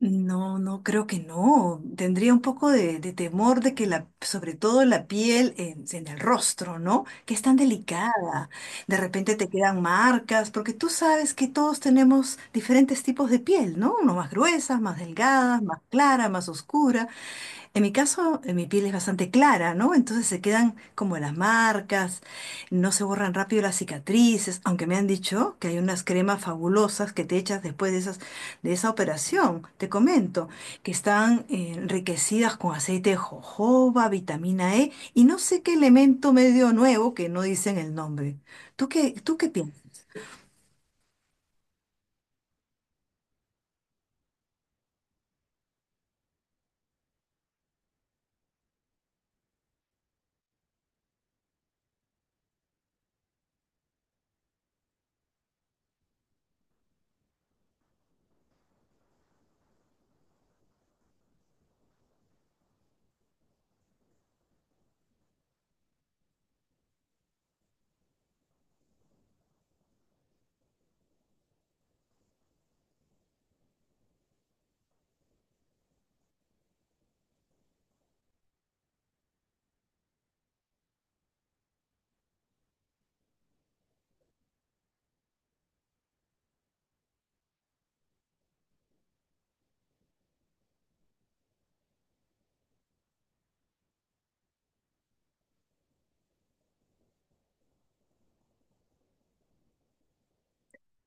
No, no, creo que no. Tendría un poco de temor de que sobre todo la piel en el rostro, ¿no? Que es tan delicada. De repente te quedan marcas, porque tú sabes que todos tenemos diferentes tipos de piel, ¿no? Unos más gruesas, más delgadas, más clara, más oscura. En mi caso, mi piel es bastante clara, ¿no? Entonces se quedan como las marcas, no se borran rápido las cicatrices, aunque me han dicho que hay unas cremas fabulosas que te echas después de de esa operación, te comento, que están enriquecidas con aceite de jojoba, vitamina E y no sé qué elemento medio nuevo que no dicen el nombre. Tú qué piensas?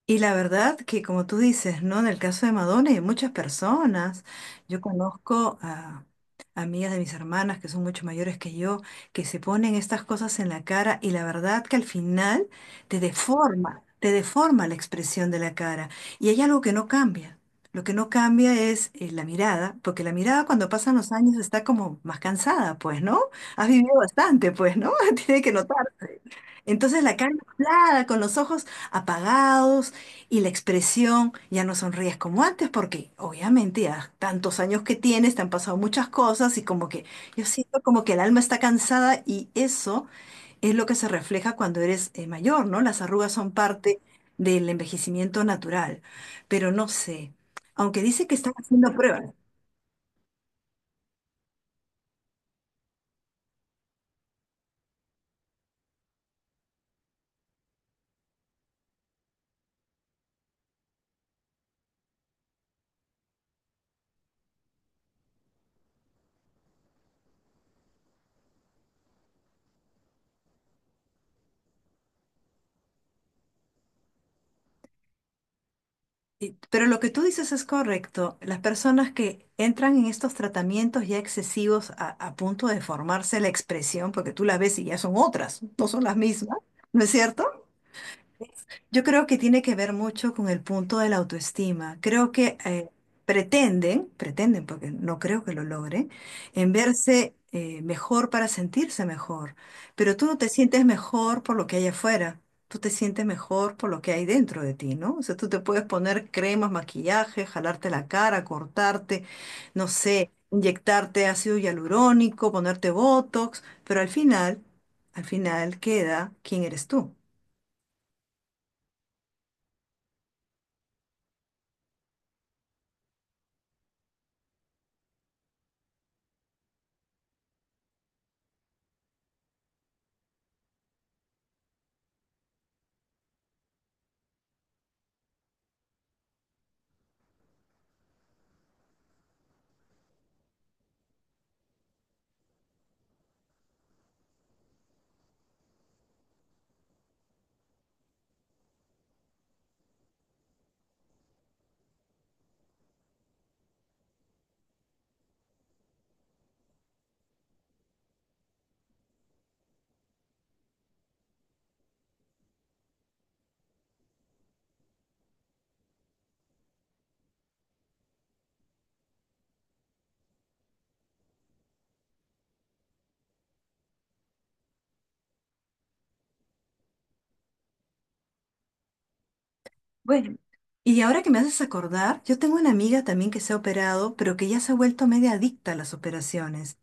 Y la verdad que como tú dices, ¿no? En el caso de Madonna y de muchas personas, yo conozco a amigas de mis hermanas que son mucho mayores que yo, que se ponen estas cosas en la cara y la verdad que al final te deforma la expresión de la cara. Y hay algo que no cambia. Lo que no cambia es la mirada, porque la mirada cuando pasan los años está como más cansada, pues, ¿no? Has vivido bastante, pues, ¿no? Tiene que notarse. Entonces la cara inflada, con los ojos apagados y la expresión, ya no sonríes como antes, porque obviamente ya tantos años que tienes, te han pasado muchas cosas y como que yo siento como que el alma está cansada y eso es lo que se refleja cuando eres mayor, ¿no? Las arrugas son parte del envejecimiento natural, pero no sé, aunque dice que están haciendo pruebas. Pero lo que tú dices es correcto. Las personas que entran en estos tratamientos ya excesivos a punto de formarse la expresión, porque tú la ves y ya son otras, no son las mismas, ¿no es cierto? Yo creo que tiene que ver mucho con el punto de la autoestima. Creo que pretenden, porque no creo que lo logren, en verse mejor para sentirse mejor. Pero tú no te sientes mejor por lo que hay afuera. Tú te sientes mejor por lo que hay dentro de ti, ¿no? O sea, tú te puedes poner cremas, maquillaje, jalarte la cara, cortarte, no sé, inyectarte ácido hialurónico, ponerte botox, pero al final queda quién eres tú. Bueno, y ahora que me haces acordar, yo tengo una amiga también que se ha operado, pero que ya se ha vuelto media adicta a las operaciones.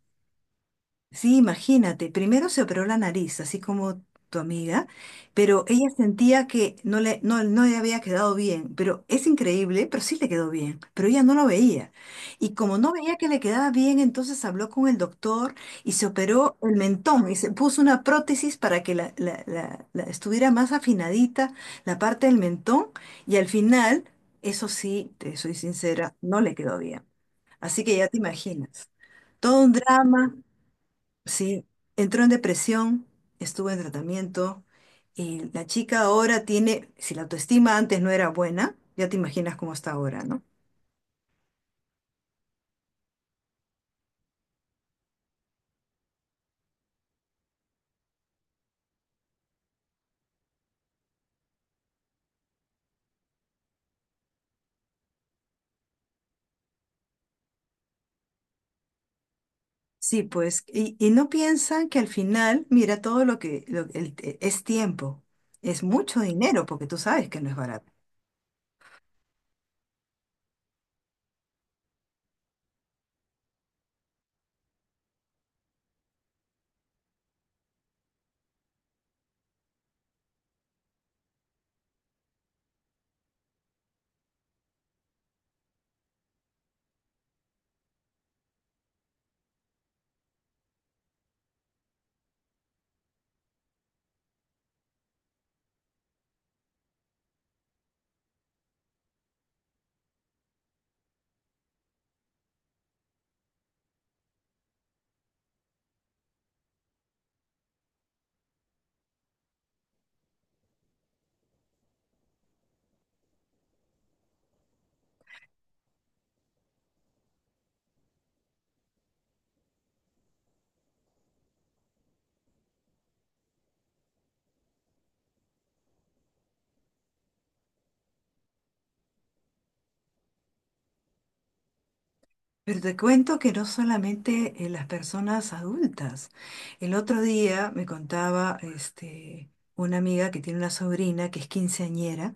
Sí, imagínate, primero se operó la nariz, así como tu amiga, pero ella sentía que no le había quedado bien, pero es increíble, pero sí le quedó bien, pero ella no lo veía. Y como no veía que le quedaba bien, entonces habló con el doctor y se operó el mentón y se puso una prótesis para que estuviera más afinadita la parte del mentón y al final, eso sí, te soy sincera, no le quedó bien. Así que ya te imaginas, todo un drama. Sí, entró en depresión, estuvo en tratamiento y la chica ahora tiene, si la autoestima antes no era buena, ya te imaginas cómo está ahora, ¿no? Sí, pues, y no piensan que al final, mira, todo lo que es tiempo, es mucho dinero, porque tú sabes que no es barato. Pero te cuento que no solamente las personas adultas. El otro día me contaba este, una amiga que tiene una sobrina que es quinceañera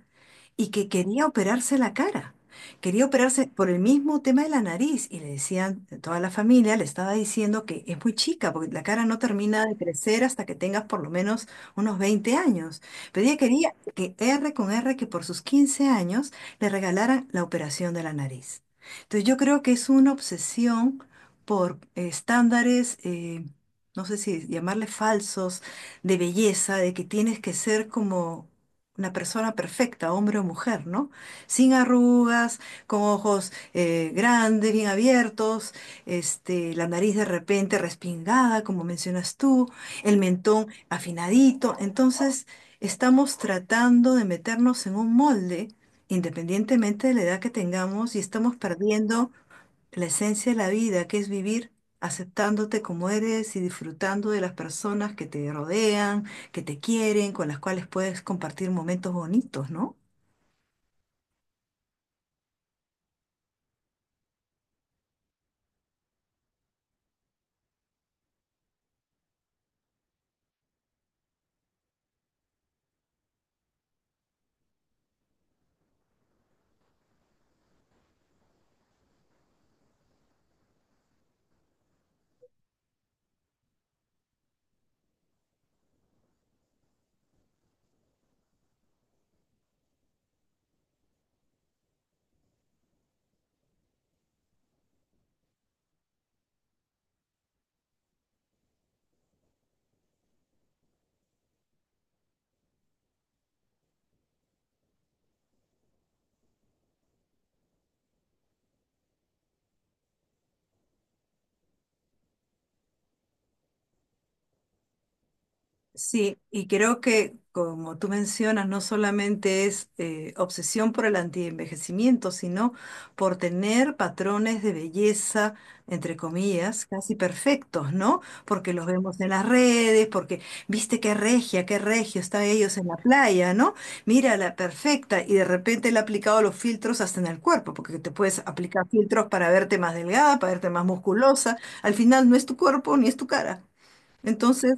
y que quería operarse la cara. Quería operarse por el mismo tema de la nariz y le decían, toda la familia le estaba diciendo que es muy chica porque la cara no termina de crecer hasta que tengas por lo menos unos 20 años. Pero ella quería que R con R, que por sus 15 años le regalaran la operación de la nariz. Entonces yo creo que es una obsesión por estándares, no sé si llamarle falsos, de belleza, de que tienes que ser como una persona perfecta, hombre o mujer, ¿no? Sin arrugas, con ojos grandes, bien abiertos, este, la nariz de repente respingada, como mencionas tú, el mentón afinadito. Entonces estamos tratando de meternos en un molde independientemente de la edad que tengamos, y estamos perdiendo la esencia de la vida, que es vivir aceptándote como eres y disfrutando de las personas que te rodean, que te quieren, con las cuales puedes compartir momentos bonitos, ¿no? Sí, y creo que, como tú mencionas, no solamente es obsesión por el antienvejecimiento, sino por tener patrones de belleza, entre comillas, casi perfectos, ¿no? Porque los vemos en las redes, porque, viste qué regia, qué regio están ellos en la playa, ¿no? Mira, la perfecta, y de repente le ha aplicado los filtros hasta en el cuerpo, porque te puedes aplicar filtros para verte más delgada, para verte más musculosa. Al final no es tu cuerpo ni es tu cara. Entonces,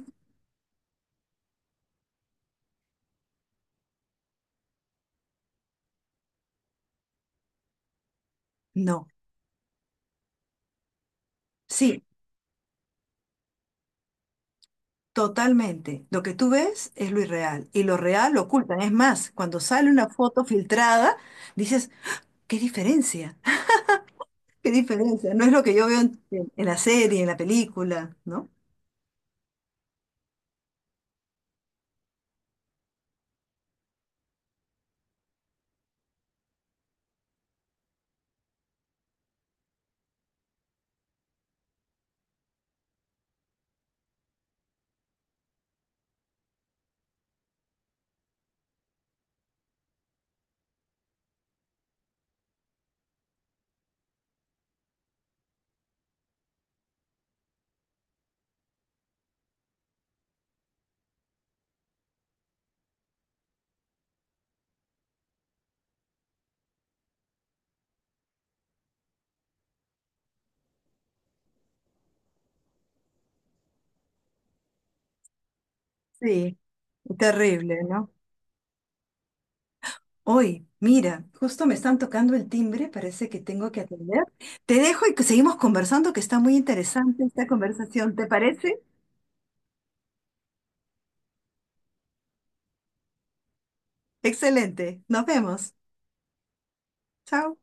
no. Sí, totalmente. Lo que tú ves es lo irreal y lo real lo ocultan. Es más, cuando sale una foto filtrada, dices, ¿qué diferencia? ¿Qué diferencia? No es lo que yo veo la serie, en la película, ¿no? Sí. Terrible, ¿no? Hoy, mira, justo me están tocando el timbre, parece que tengo que atender. Te dejo y que seguimos conversando, que está muy interesante esta conversación, ¿te parece? Excelente. Nos vemos. Chao.